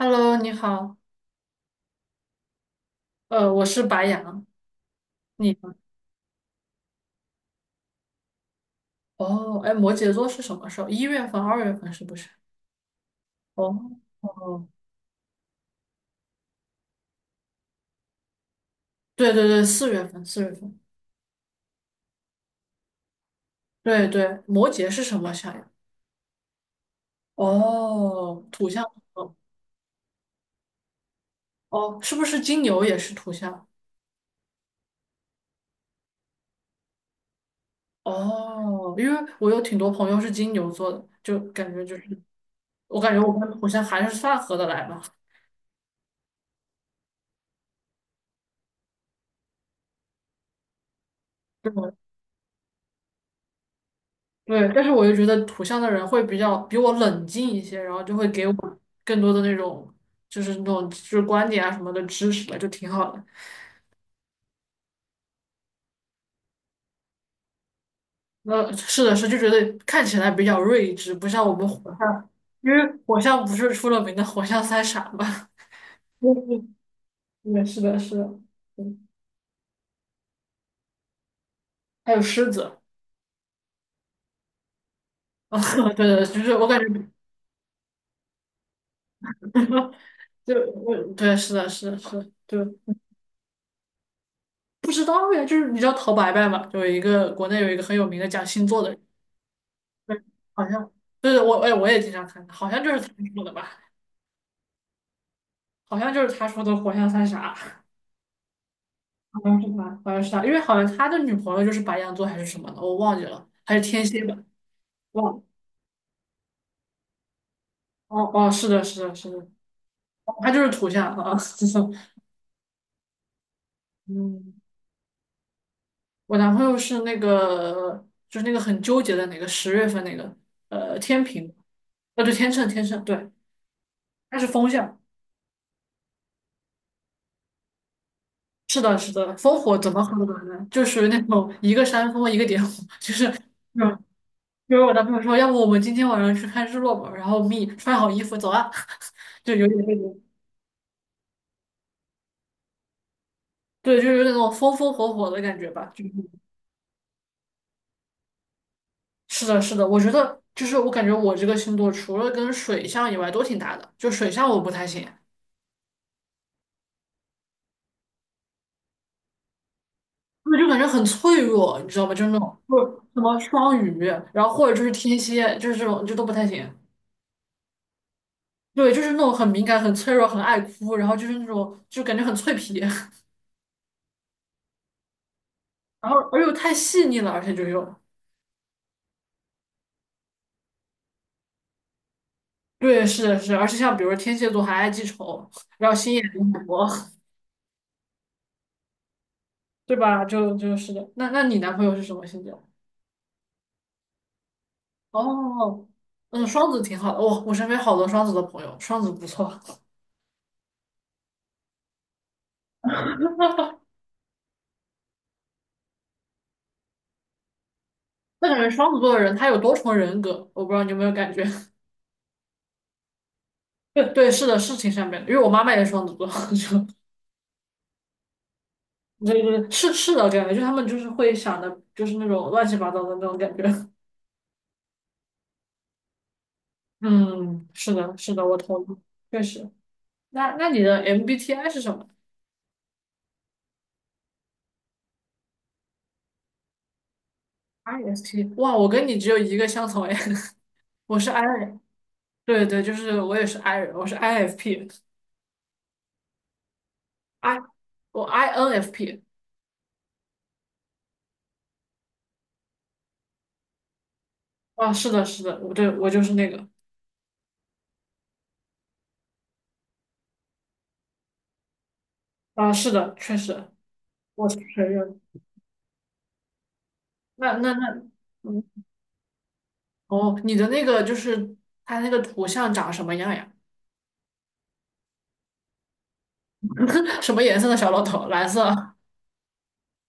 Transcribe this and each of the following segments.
Hello，你好，我是白羊，你呢？哦，哎，摩羯座是什么时候？1月份、2月份是不是？哦，哦，对对对，四月份，四月份，对对，摩羯是什么象呀？哦，土象，哦，哦，是不是金牛也是土象？哦，因为我有挺多朋友是金牛座的，就感觉就是，我感觉我跟土象还是算合得来吧。对，但是我又觉得土象的人会比较比我冷静一些，然后就会给我更多的那种就是那种就是观点啊什么的支持吧，就挺好的。那是的是，就觉得看起来比较睿智，不像我们火象，因为火象不是出了名的火象三傻嘛。嗯对，是的，是的，嗯，还有狮子，啊，对对，就是我感觉，就我对，是的，是的，是的，就不知道呀，就是你知道陶白白嘛，就有一个国内有一个很有名的讲星座的人。对，好像对对，我哎，我也经常看，好像就是他说的吧，好像就是他说的"活像三傻"，好像是他，好像是他，因为好像他的女朋友就是白羊座还是什么的，我忘记了，还是天蝎吧，忘了。哦哦，是的，是的，是的，哦他就是土象啊，就是嗯，我男朋友是那个，就是那个很纠结的那个10月份那个，天平，对，天秤，天秤，对，他是风象。是的，是的，风火怎么合得呢？就属于那种一个山峰一个点火，就是。就是我男朋友说，要不我们今天晚上去看日落吧，然后 me 穿好衣服走啊，就有点那种，对，就是有点那种风风火火的感觉吧。就是是的，是的，我觉得就是我感觉我这个星座除了跟水象以外都挺搭的，就水象我不太行，我就感觉很脆弱，你知道吗？就那种就是什么双鱼，然后或者就是天蝎，就是这种就都不太行。对，就是那种很敏感、很脆弱、很爱哭，然后就是那种就感觉很脆皮，然后而又太细腻了，而且就又。对，是的，是的而且像比如说天蝎座还爱记仇，然后心眼又很多，对吧？就是的。那你男朋友是什么星座？哦，嗯，双子挺好的。哇、我身边好多双子的朋友，双子不错。那感觉双子座的人他有多重人格，我不知道你有没有感觉？对对，是的，是挺善变的。因为我妈妈也是双子座，就对对，是是的感觉，就他们就是会想的，就是那种乱七八糟的那种感觉。嗯，是的，是的，我同意，确实。那你的 MBTI 是什么？i s P，哇，我跟你只有一个相同哎，我是 I，对对，就是我也是 I 人，我是 IFP，我 INFP，啊，是的，是的，我对我就是那个，啊，是的，确实，我承认。那，嗯，哦，你的那个就是它那个图像长什么样呀？什么颜色的小老头？蓝色？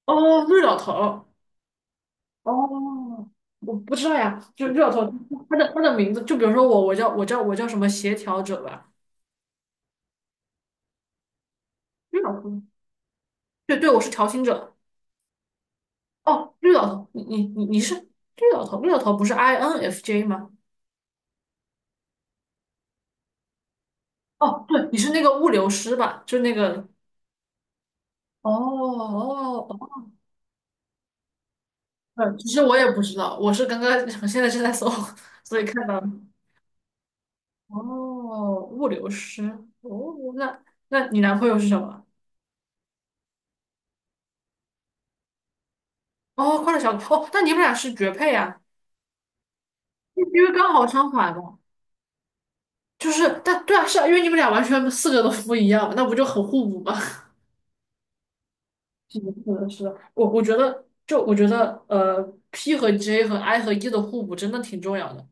哦，绿老头。哦，我不知道呀，就绿老头，他的名字，就比如说我，我叫什么协调者吧，绿老头。对对，我是调情者。哦，绿老头，你是绿老头，绿老头不是 INFJ 吗？哦，对，你是那个物流师吧？就那个。哦哦哦，对其实我也不知道，我是刚刚我现在正在搜，所以看到了哦，物流师。哦，那那你男朋友是什么？哦，快乐小狗。哦，那你们俩是绝配啊？因为刚好相反嘛。就是，但对啊，是啊，因为你们俩完全四个都不一样，那不就很互补吗？是的，是的，是的我觉得，就我觉得，P 和 J 和 I 和 E 的互补真的挺重要的。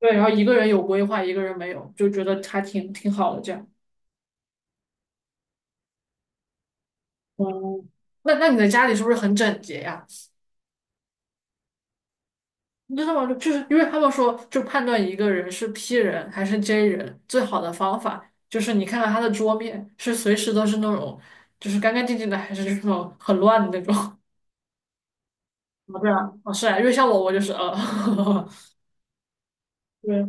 对，然后一个人有规划，一个人没有，就觉得还挺挺好的这样。嗯，那你的家里是不是很整洁呀？你知道吗？就是因为他们说，就判断一个人是 P 人还是 J 人，最好的方法就是你看看他的桌面是随时都是那种就是干干净净的，还是那种很乱的那种。啊？对啊，啊是啊，因为像我，我就是对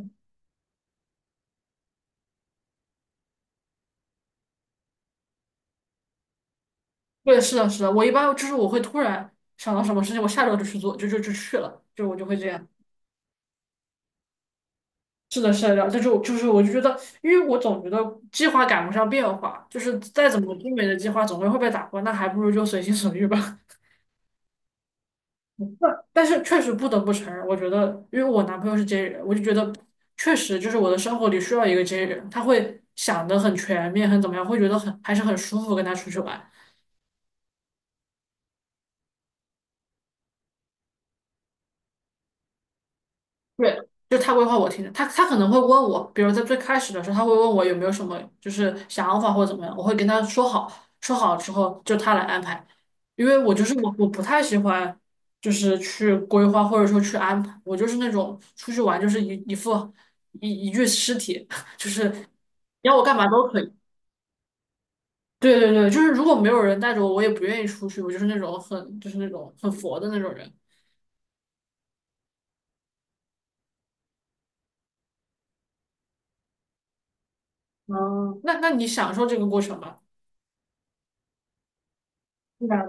对，是的，是的，我一般就是我会突然想到什么事情，我下周就去做，就去了，就我就会这样。是的，是的，然后这就是我就觉得，因为我总觉得计划赶不上变化，就是再怎么精美的计划总归会被打破，那还不如就随心所欲吧。但是确实不得不承认，我觉得，因为我男朋友是 J 人，我就觉得确实就是我的生活里需要一个 J 人，他会想的很全面，很怎么样，会觉得很还是很舒服跟他出去玩。对，就他规划我听的，他可能会问我，比如在最开始的时候，他会问我有没有什么就是想法或者怎么样，我会跟他说好，说好之后就他来安排，因为我就是我不太喜欢就是去规划或者说去安排，我就是那种出去玩就是一一副一一具尸体，就是你要我干嘛都可以。对对对，就是如果没有人带着我，我也不愿意出去，我就是那种很就是那种很佛的那种人。哦，那那你享受这个过程吧。对吧？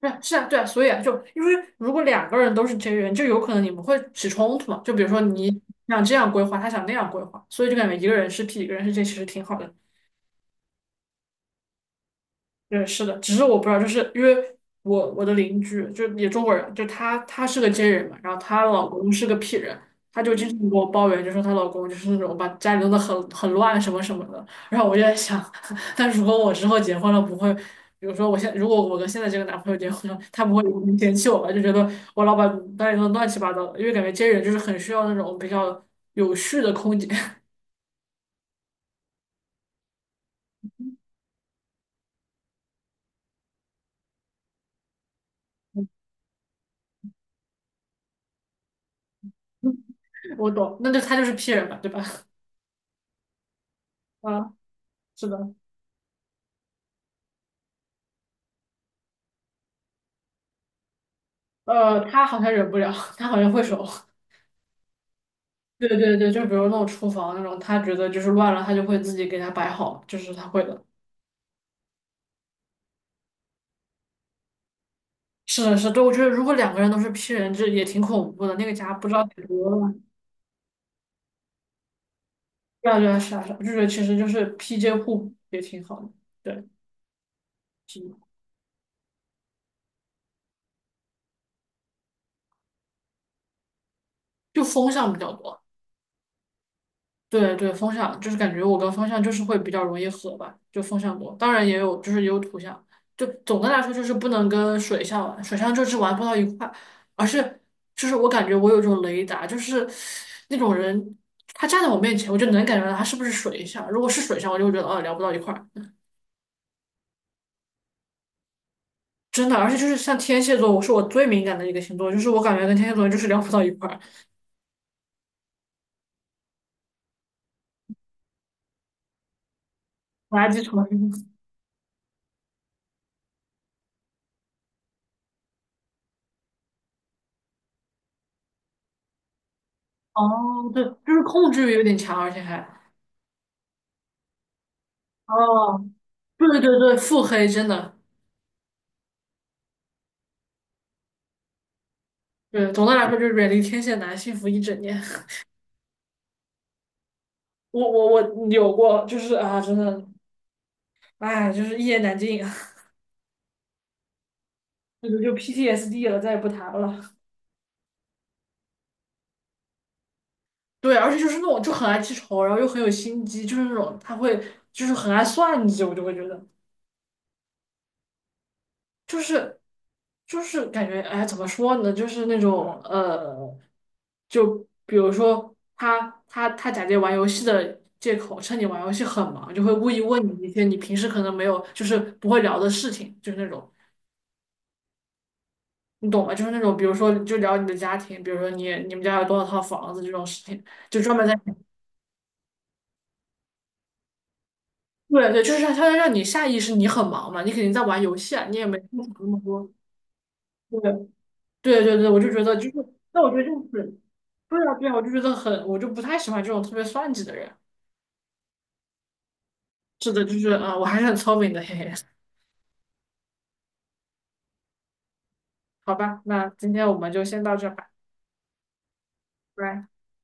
对，是啊，对啊，所以啊，就因为如果两个人都是 J 人，就有可能你们会起冲突嘛。就比如说你想这样规划，他想那样规划，所以就感觉一个人是 P，一个人是 J，其实挺好的。对，是的，只是我不知道，就是因为我的邻居就也中国人，就她是个 J 人嘛，然后她老公是个 P 人，她就经常给我抱怨，就说她老公就是那种把家里弄得很乱什么什么的。然后我就在想，那如果我之后结婚了，不会，比如说我现如果我跟现在这个男朋友结婚了，他不会有人嫌弃我吧？就觉得我老把家里弄得乱七八糟的，因为感觉 J 人就是很需要那种比较有序的空间。我懂，那就他就是 P 人嘛，对吧？啊，是的。他好像忍不了，他好像会手。对对对，就比如那种厨房那种，他觉得就是乱了，他就会自己给他摆好，就是他会的。是的，是的，对，我觉得如果两个人都是 P 人制，也挺恐怖的，那个家不知道得多乱。对啊，对啊，是啊，是啊，就觉得其实就是 PJ 互补也挺好的，对，是的就风向比较多。对对，风向就是感觉我跟风向就是会比较容易合吧，就风向多，当然也有就是也有土象，就总的来说就是不能跟水象玩，水象就是玩不到一块，而是就是我感觉我有一种雷达，就是那种人他站在我面前，我就能感觉到他是不是水象，如果是水象，我就会觉得哦聊不到一块儿，真的，而且就是像天蝎座，我是我最敏感的一个星座，就是我感觉跟天蝎座就是聊不到一块儿，垃圾虫。哦，对，就是控制欲有点强，而且还。哦，对对对，腹黑真的，对，总的来说就是远离天蝎男，幸福一整年。我有过，就是啊，真的，哎，就是一言难尽啊，这个就 PTSD 了，再也不谈了。对，而且就是那种就很爱记仇，然后又很有心机，就是那种他会就是很爱算计，我就会觉得。就是就是感觉，哎，怎么说呢？就是那种就比如说他假借玩游戏的借口，趁你玩游戏很忙，就会故意问你一些你平时可能没有，就是不会聊的事情，就是那种你懂吗？就是那种比如说就聊你的家庭，比如说你们家有多少套房子这种事情，就专门在对对，就是他要让你下意识你很忙嘛，你肯定在玩游戏啊，你也没空想那么多。对。对对对，我就觉得就是，那我觉得就是，对啊对啊，我就觉得很，我就不太喜欢这种特别算计的人。是的，就是，啊，我还是很聪明的，嘿嘿。好吧，那今天我们就先到这吧，拜拜。